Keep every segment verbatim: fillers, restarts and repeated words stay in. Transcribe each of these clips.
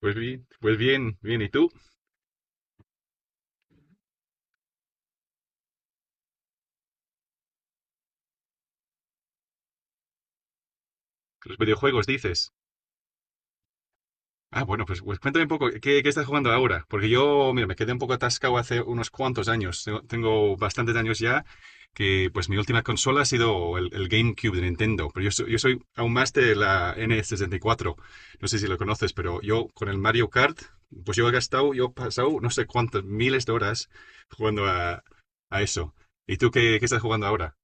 Pues bien, pues bien, bien. ¿Y tú? Los videojuegos dices. Ah, bueno, pues, pues cuéntame un poco, ¿qué, qué estás jugando ahora? Porque yo, mira, me quedé un poco atascado hace unos cuantos años. Tengo, tengo bastantes años ya que, pues, mi última consola ha sido el, el GameCube de Nintendo. Pero yo, soy- yo soy aún más de la N sesenta y cuatro. No sé si lo conoces, pero yo con el Mario Kart, pues yo he gastado, yo he pasado no sé cuántas miles de horas jugando a, a eso. ¿Y tú qué, qué, estás jugando ahora?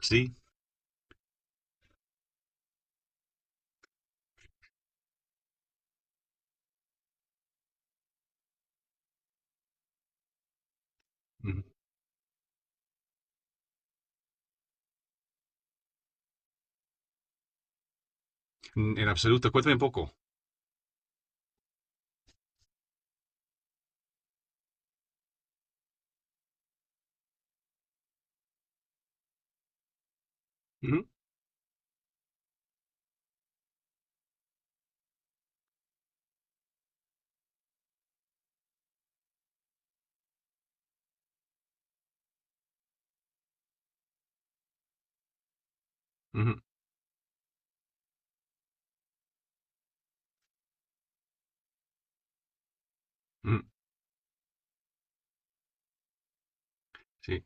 Sí. Mm. En absoluto. Cuéntame un poco. Ujú, ujú, sí.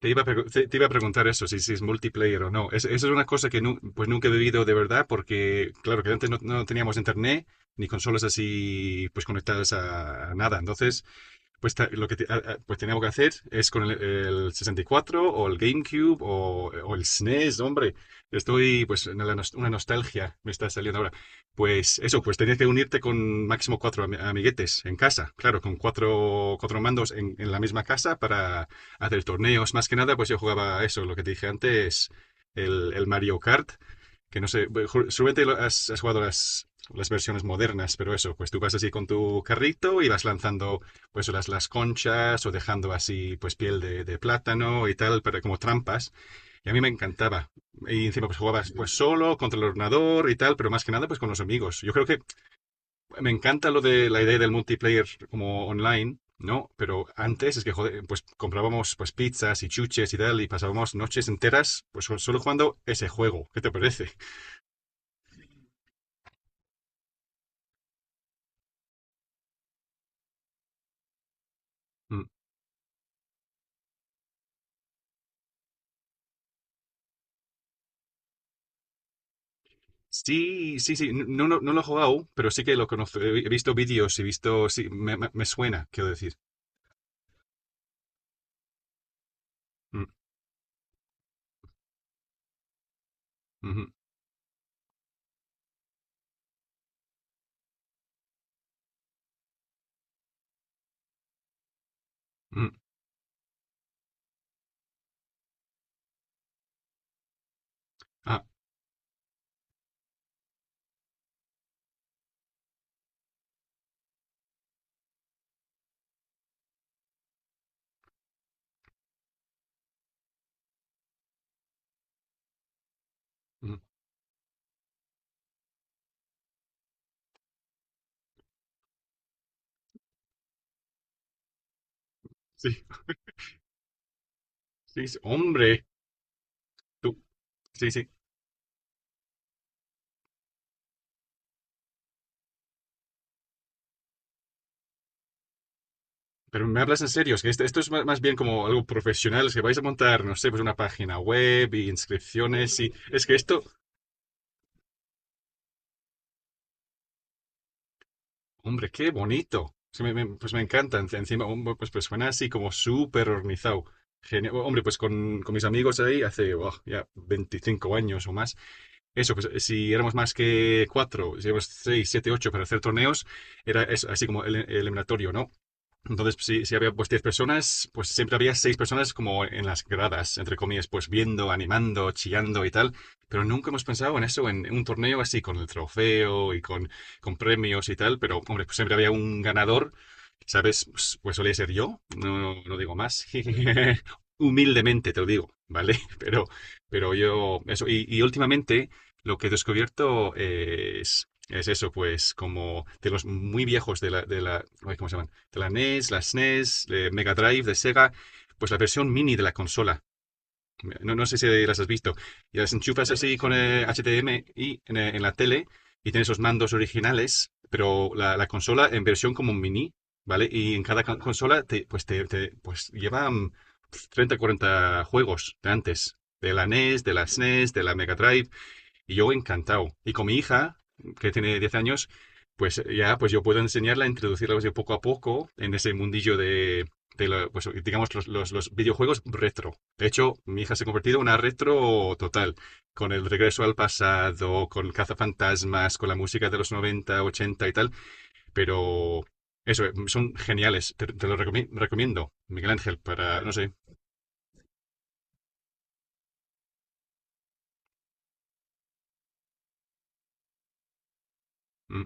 Te iba a, pregu- te, te iba a preguntar eso, si, si es multiplayer o no. Es- Esa es una cosa que nu- pues nunca he vivido de verdad, porque claro que antes no, no teníamos internet ni consolas así pues conectadas a, a nada. Entonces, pues ta- lo que te- a- a- pues teníamos que hacer es con el, el sesenta y cuatro o el GameCube o, o el SNES, hombre. Estoy, pues, en la nos- una nostalgia me está saliendo ahora. Pues eso, pues tenías que unirte con máximo cuatro ami- amiguetes en casa, claro, con cuatro, cuatro mandos en, en la misma casa para hacer torneos. Más que nada, pues yo jugaba a eso, lo que te dije antes, el, el Mario Kart que no sé, súbete, has, has jugado las, las versiones modernas, pero eso, pues tú vas así con tu carrito y vas lanzando pues las, las conchas o dejando así pues piel de, de plátano y tal, pero como trampas. Y a mí me encantaba. Y encima pues jugabas pues solo, contra el ordenador y tal, pero más que nada pues con los amigos. Yo creo que me encanta lo de la idea del multiplayer como online, ¿no? Pero antes es que, joder, pues comprábamos pues pizzas y chuches y tal y pasábamos noches enteras pues solo jugando ese juego. ¿Qué te parece? Mm. Sí, sí, sí. No, no, no lo he jugado aún, pero sí que lo conozco. He he visto vídeos, he visto. Sí, me, me- me suena, quiero decir. Mm, ujú, mm, ah, mm, sí, sí, sí. Hombre, tú. Sí, sí. Pero me hablas en serio, es que este- esto es ma- más bien como algo profesional. Es que vais a montar, no sé, pues una página web y inscripciones y es que esto, hombre, qué bonito. Es que me- me- pues me encanta, enci- encima, hombre, pues, pues suena así como súper organizado. Genial. Hombre, pues con, con mis amigos ahí hace, buah, ya veinticinco años o más eso, pues eh, si éramos más que cuatro, si éramos seis, siete, ocho para hacer torneos, era eso, así como el, el eliminatorio, ¿no? Entonces, pues, si, si había pues diez personas, pues siempre había seis personas como en las gradas, entre comillas, pues viendo, animando, chillando y tal. Pero nunca hemos pensado en eso, en un torneo así, con el trofeo y con, con premios y tal. Pero, hombre, pues siempre había un ganador, ¿sabes? Pues, pues solía ser yo, no, no digo más. Humildemente te lo digo, ¿vale? Pero, pero yo, eso. Y, y últimamente lo que he descubierto es, es eso, pues como de los muy viejos de la, de la, ay, ¿cómo se llama? La NES, la SNES, de Mega Drive, de Sega, pues la versión mini de la consola. No, no sé si las has visto. Y las enchufas así con eh, H D M I en, eh, en la tele y tienes los mandos originales, pero la, la consola en versión como mini, ¿vale? Y en cada consola te, pues, te, te- pues lleva mm, treinta, cuarenta juegos de antes. De la NES, de la SNES, de la Mega Drive. Y yo encantado. Y con mi hija, que tiene diez años, pues ya pues yo puedo enseñarla, introducirla pues, de poco a poco en ese mundillo de, de la- pues, digamos, los, los- los videojuegos retro. De hecho, mi hija se ha convertido en una retro total, con el regreso al pasado, con cazafantasmas, con la música de los noventa ochenta y tal, pero eso, eh, son geniales, te, te lo recomi- recomiendo, Miguel Ángel, para, no sé. Mm.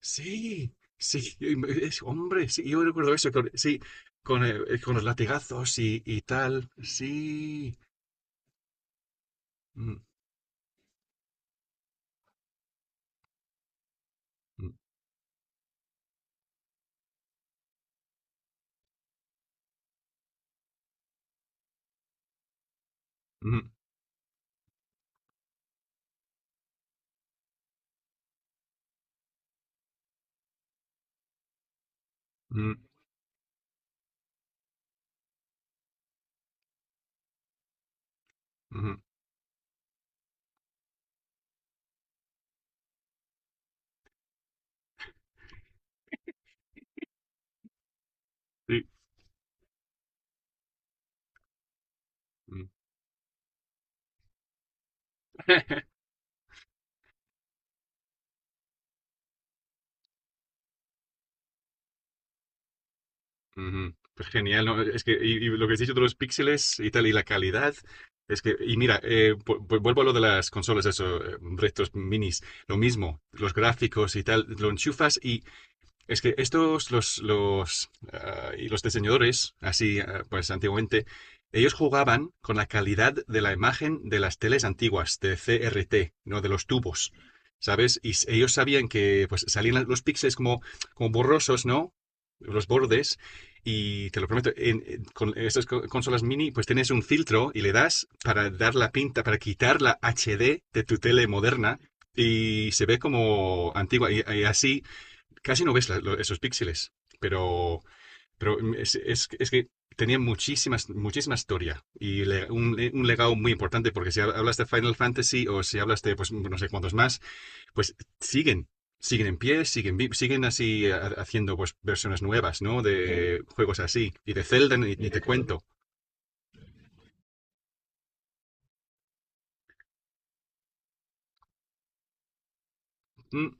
Sí, sí, es, hombre, sí, yo recuerdo eso, con- sí, con, eh, eh, con los latigazos y, y tal, sí. Mm, mm, mm, mm, mm, sí, mm. Ujú, pues Genial, ¿no? Es que y, y lo que has dicho de los píxeles y tal, y la calidad, es que, y mira, eh, pu- pu- vuelvo a lo de las consolas, eso, eh, restos minis, lo mismo, los gráficos y tal, lo enchufas y es que estos, los, los, ah, y los diseñadores, así ah, pues antiguamente, ellos jugaban con la calidad de la imagen de las teles antiguas, de C R T, ¿no? De los tubos, ¿sabes? Y s- ellos sabían que pues salían los píxeles como, como borrosos, ¿no? Los bordes. Y te lo prometo, en- en- con estas co- consolas mini, pues tienes un filtro y le das para dar la pinta, para quitar la H D de tu tele moderna y se ve como antigua. Y, y así casi no ves la- lo- esos píxeles, pero, pero es, es- es que tenía muchísimas, muchísima historia y le- un, un legado muy importante, porque si hablas de Final Fantasy o si hablas de, pues, no sé cuántos más, pues siguen. Siguen en pie, siguen, vi- siguen así ha- haciendo pues versiones nuevas, ¿no? De juegos así. Y de Zelda ni, ni te cuento. Mm.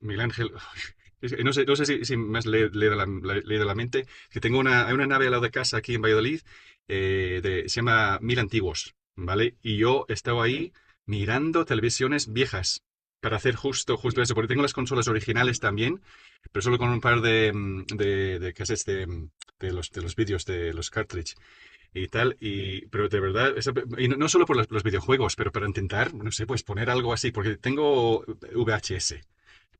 Miguel Ángel, es que no sé, no sé si, si, me has le- leído la, la- leído la mente, que tengo una, hay una nave al lado de casa aquí en Valladolid, eh, de- se llama Mil Antiguos, ¿vale? Y yo estaba ahí mirando televisiones viejas para hacer justo, justo eso, porque tengo las consolas originales también, pero solo con un par de, mm, de, de cassettes de, mm, de los, de los vídeos, de los cartridge y tal, y, pero de verdad, esa- y no, no solo por los, los videojuegos, pero para intentar, no sé, pues poner algo así, porque tengo V H S.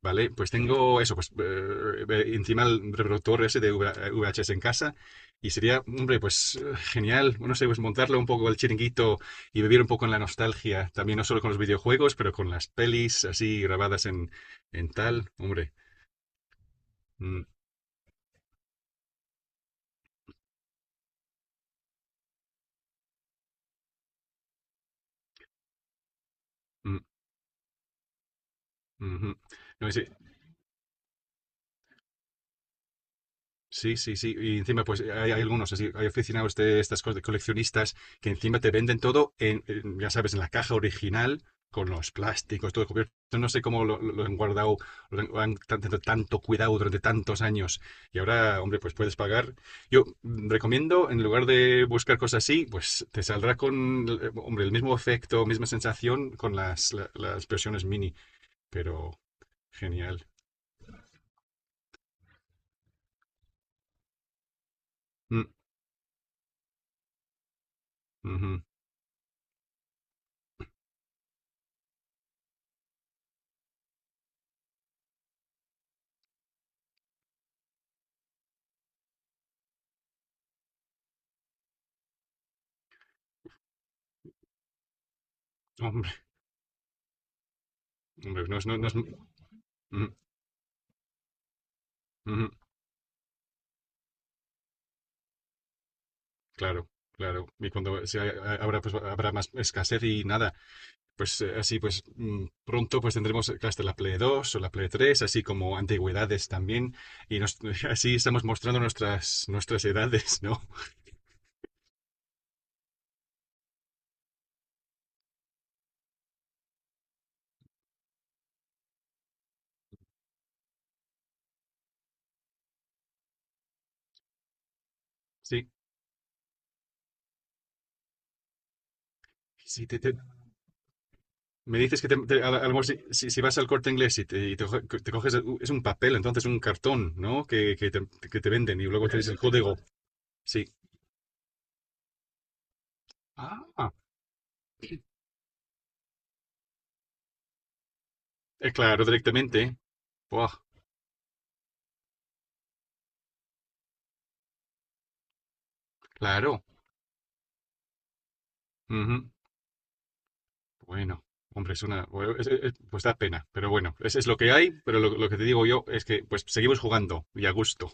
¿Vale? Pues tengo eso, pues eh, eh, encima el reproductor ese de V- VHS en casa y sería, hombre, pues eh, genial, no sé, pues montarle un poco el chiringuito y vivir un poco en la nostalgia, también no solo con los videojuegos, pero con las pelis así grabadas en, en tal, hombre. Mm, mm, ujú. No sé. Sí, sí, sí. Y encima, pues hay, hay algunos, así, hay aficionados de estas cosas de coleccionistas que encima te venden todo en, en, ya sabes, en la caja original, con los plásticos, todo cubierto. No sé cómo lo, lo- lo han guardado, lo han- lo han tan- tanto, tanto cuidado durante tantos años. Y ahora, hombre, pues puedes pagar. Yo mm, recomiendo, en lugar de buscar cosas así, pues te saldrá con, eh, hombre, el mismo efecto, misma sensación con las, la- las versiones mini. Pero genial. Mm, ujú. Hombre, hombre, no es, no, no es- mm, ujú. Claro, claro. Y cuando se ha- habrá, pues, habrá más escasez y nada, pues eh, así pues mm, pronto pues tendremos eh, hasta la Play dos o la Play tres, así como antigüedades también. Y nos- así estamos mostrando nuestras, nuestras, edades, ¿no? Sí. Si te, te- me dices que te- te- a, la- a lo mejor si, si- si vas al Corte Inglés y te, y te coge- te coges, u- es un papel, entonces un cartón, ¿no? Que, que te, que te venden y luego tienes el código. Sí. Ah, eh, claro, directamente. Buah, claro. Ujú. Bueno, hombre, es una. Bueno, es- es- eh, pues da pena, pero bueno, es, es lo que hay, pero lo, lo que te digo yo es que pues seguimos jugando y a gusto.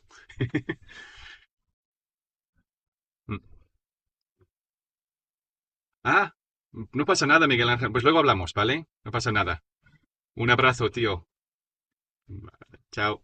Mm. Ah, no pasa nada, Miguel Ángel. Pues luego hablamos, ¿vale? No pasa nada. Un abrazo, tío. Vale, Chao.